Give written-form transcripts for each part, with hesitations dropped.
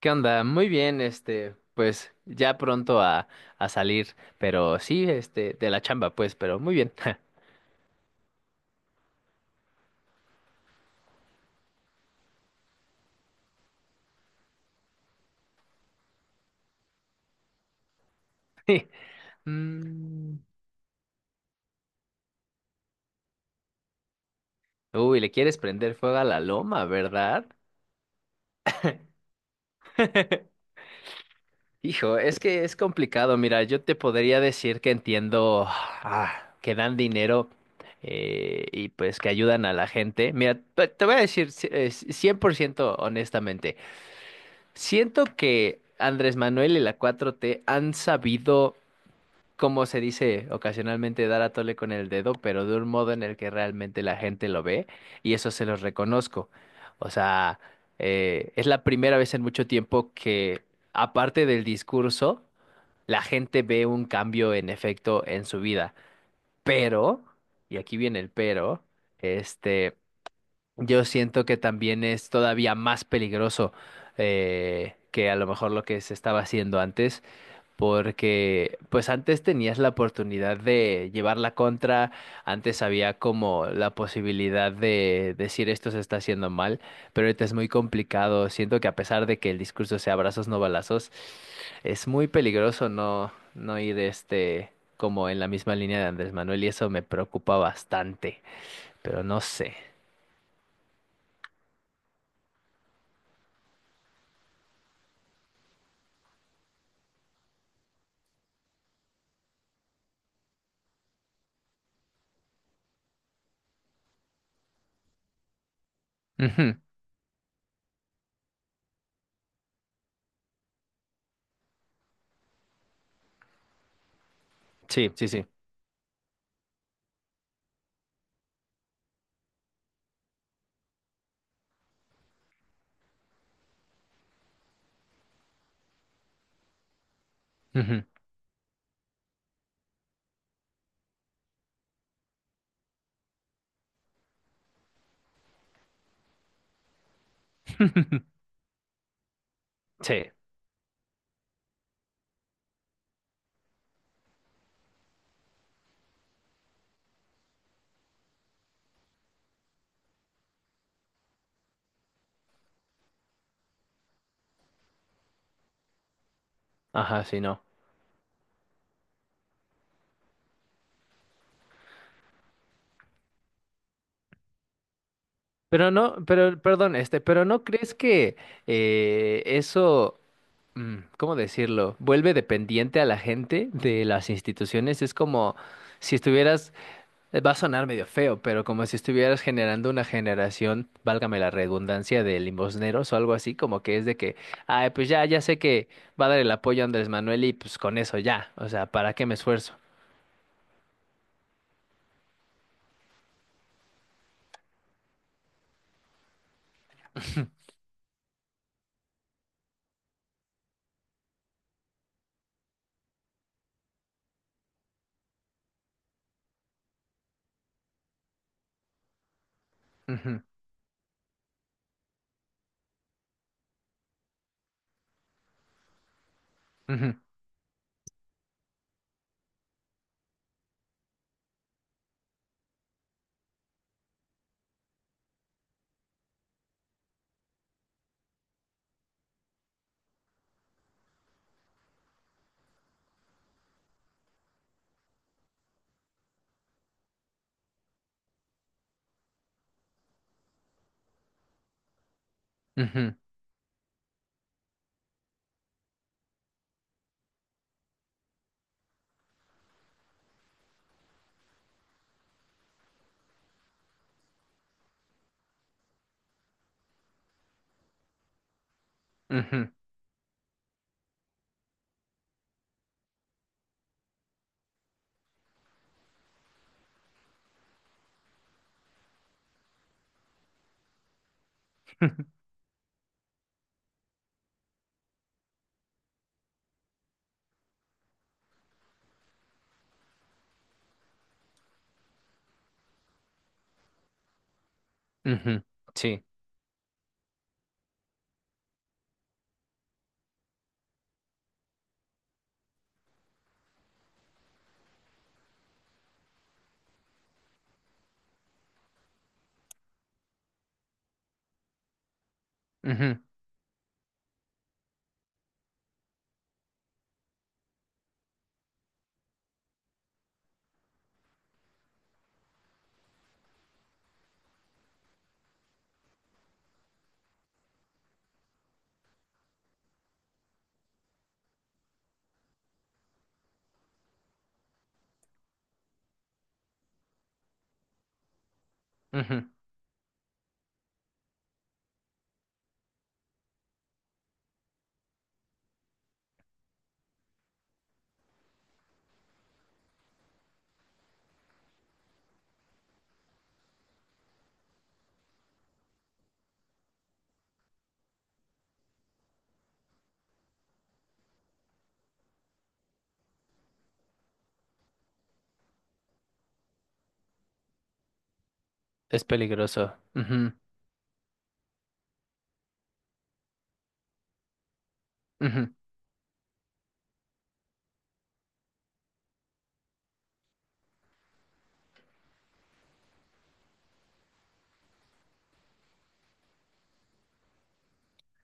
¿Qué onda? Muy bien, pues ya pronto a salir, pero sí, de la chamba, pues, pero muy bien. Sí. Mm. Uy, le quieres prender fuego a la loma, ¿verdad? Hijo, es que es complicado. Mira, yo te podría decir que entiendo que dan dinero y pues que ayudan a la gente. Mira, te voy a decir 100% honestamente. Siento que Andrés Manuel y la cuatro t han sabido como se dice ocasionalmente, dar a tole con el dedo, pero de un modo en el que realmente la gente lo ve y eso se los reconozco. O sea, es la primera vez en mucho tiempo que, aparte del discurso, la gente ve un cambio en efecto en su vida. Pero, y aquí viene el pero, este, yo siento que también es todavía más peligroso que a lo mejor lo que se estaba haciendo antes, porque pues antes tenías la oportunidad de llevar la contra, antes había como la posibilidad de decir esto se está haciendo mal, pero ahorita es muy complicado. Siento que a pesar de que el discurso sea abrazos no balazos, es muy peligroso no ir como en la misma línea de Andrés Manuel, y eso me preocupa bastante, pero no sé. Ujú. Sí, sí, sí. Ujú. Sí. Ajá, sí, no. Pero no, pero, perdón, pero ¿no crees que eh, eso, ¿cómo decirlo? Vuelve dependiente a la gente de las instituciones. Es como si estuvieras, va a sonar medio feo, pero como si estuvieras generando una generación, válgame la redundancia, de limosneros o algo así, como que es de que, ay, pues ya sé que va a dar el apoyo a Andrés Manuel y pues con eso ya, o sea, ¿para qué me esfuerzo? Ujú, ujú, ujú, ujú, ujú. Sí. Ujú, ujú. Es peligroso. Ujú, ujú.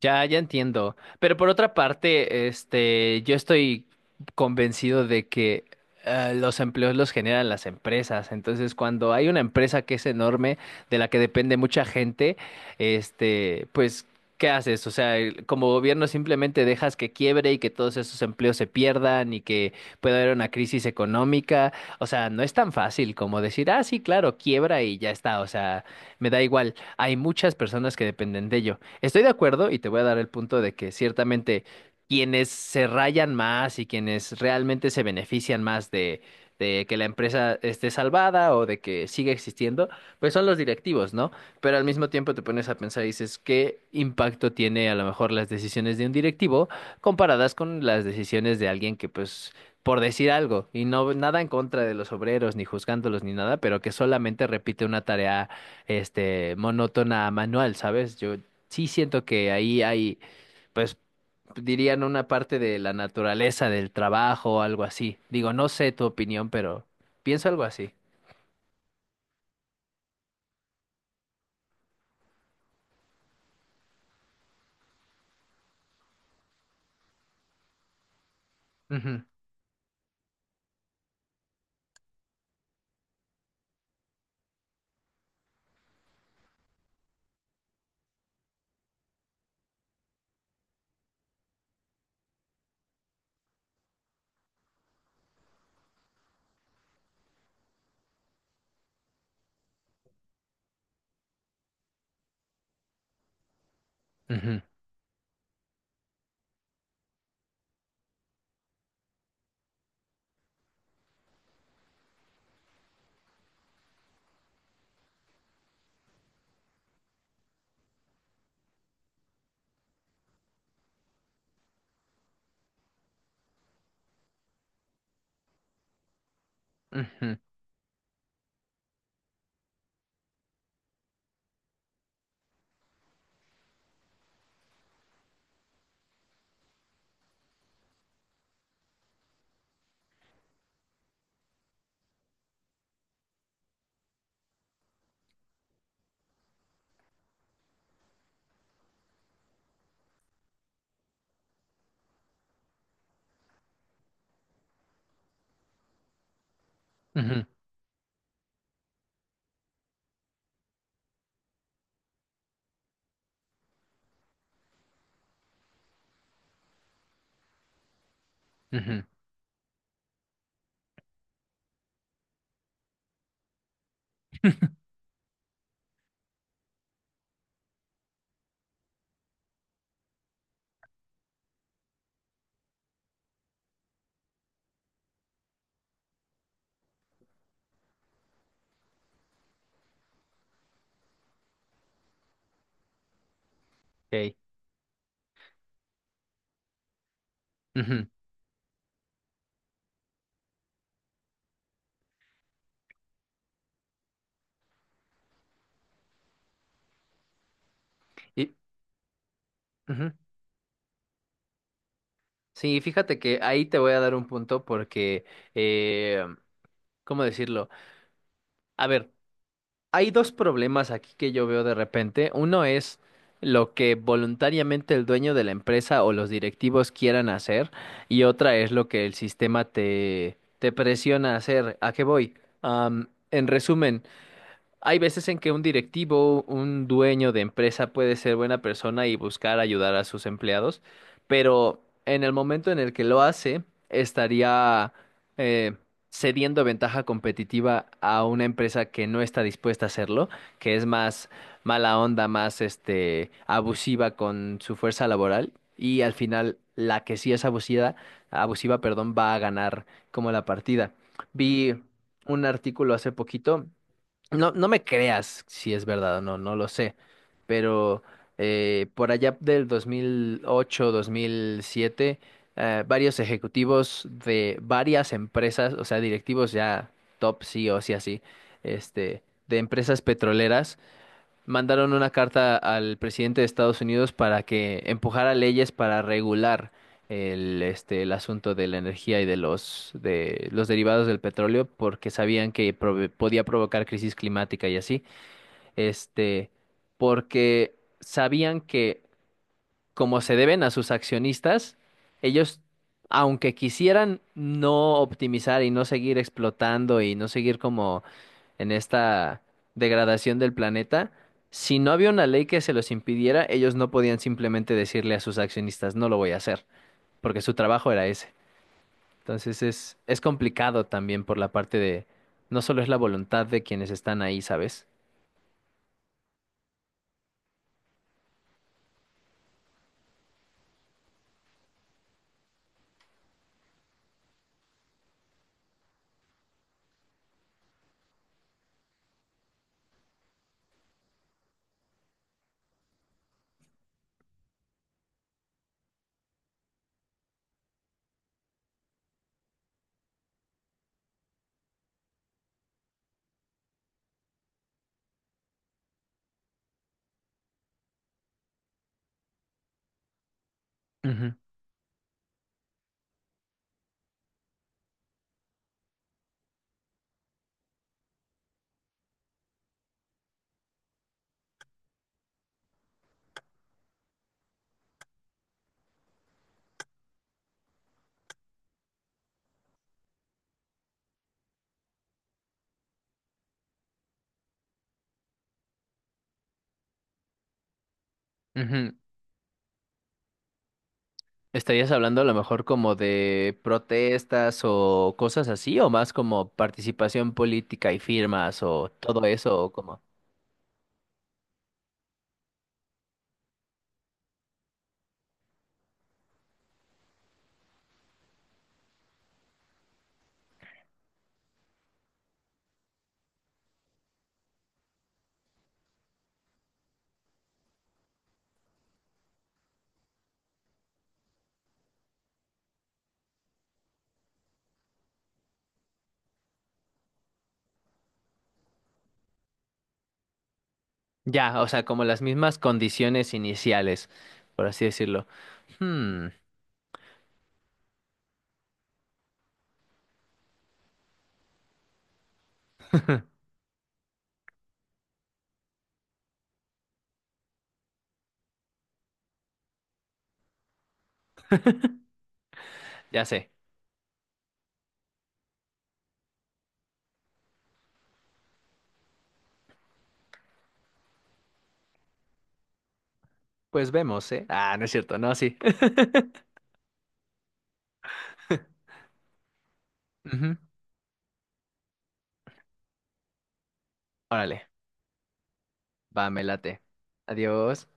Ya, ya entiendo. Pero por otra parte, yo estoy convencido de que los empleos los generan las empresas. Entonces, cuando hay una empresa que es enorme, de la que depende mucha gente, pues, ¿qué haces? O sea, el- como gobierno simplemente dejas que quiebre y que todos esos empleos se pierdan y que pueda haber una crisis económica. O sea, no es tan fácil como decir, ah, sí, claro, quiebra y ya está. O sea, me da igual. Hay muchas personas que dependen de ello. Estoy de acuerdo y te voy a dar el punto de que ciertamente quienes se rayan más y quienes realmente se benefician más de que la empresa esté salvada o de que siga existiendo, pues son los directivos, ¿no? Pero al mismo tiempo te pones a pensar y dices, ¿qué impacto tiene a lo mejor las decisiones de un directivo comparadas con las decisiones de alguien que pues... por decir algo, y no nada en contra de los obreros, ni juzgándolos, ni nada, pero que solamente repite una tarea monótona manual, ¿sabes? Yo sí siento que ahí hay, pues dirían una parte de la naturaleza del trabajo o algo así. Digo, no sé tu opinión, pero pienso algo así. Ujú, ujú, ujú, ujú, ujú, ok, ujú. Y, ujú. Sí, fíjate que ahí te voy a dar un punto porque, eh, ¿cómo decirlo? A ver. Hay dos problemas aquí que yo veo de repente. Uno es lo que voluntariamente el dueño de la empresa o los directivos quieran hacer y otra es lo que el sistema te presiona a hacer. ¿A qué voy? Am, en resumen, hay veces en que un directivo, un dueño de empresa puede ser buena persona y buscar ayudar a sus empleados, pero en el momento en el que lo hace, estaría eh, cediendo ventaja competitiva a una empresa que no está dispuesta a hacerlo, que es más mala onda, más abusiva con su fuerza laboral, y al final la que sí es abusiva, abusiva, perdón, va a ganar como la partida. Vi un artículo hace poquito, no, no me creas si es verdad o no, no lo sé, pero por allá del 2008, 2007, varios ejecutivos de varias empresas, o sea, directivos ya top CEOs y así, de empresas petroleras, mandaron una carta al presidente de Estados Unidos para que empujara leyes para regular el asunto de la energía y de los derivados del petróleo, porque sabían que podía provocar crisis climática y así, este, porque sabían que como se deben a sus accionistas, ellos, aunque quisieran no optimizar y no seguir explotando y no seguir como en esta degradación del planeta, si no había una ley que se los impidiera, ellos no podían simplemente decirle a sus accionistas, no lo voy a hacer, porque su trabajo era ese. Entonces es complicado también por la parte de, no solo es la voluntad de quienes están ahí, ¿sabes? Ujú, ujú. ¿Estarías hablando a lo mejor como de protestas o cosas así, o más como participación política y firmas o todo eso, o como... Ya, o sea, como las mismas condiciones iniciales, por así decirlo. Hmm, ya sé. Pues vemos, ¿eh? Ah, no es cierto, no, sí. Ujú. Órale, va, me late. Adiós.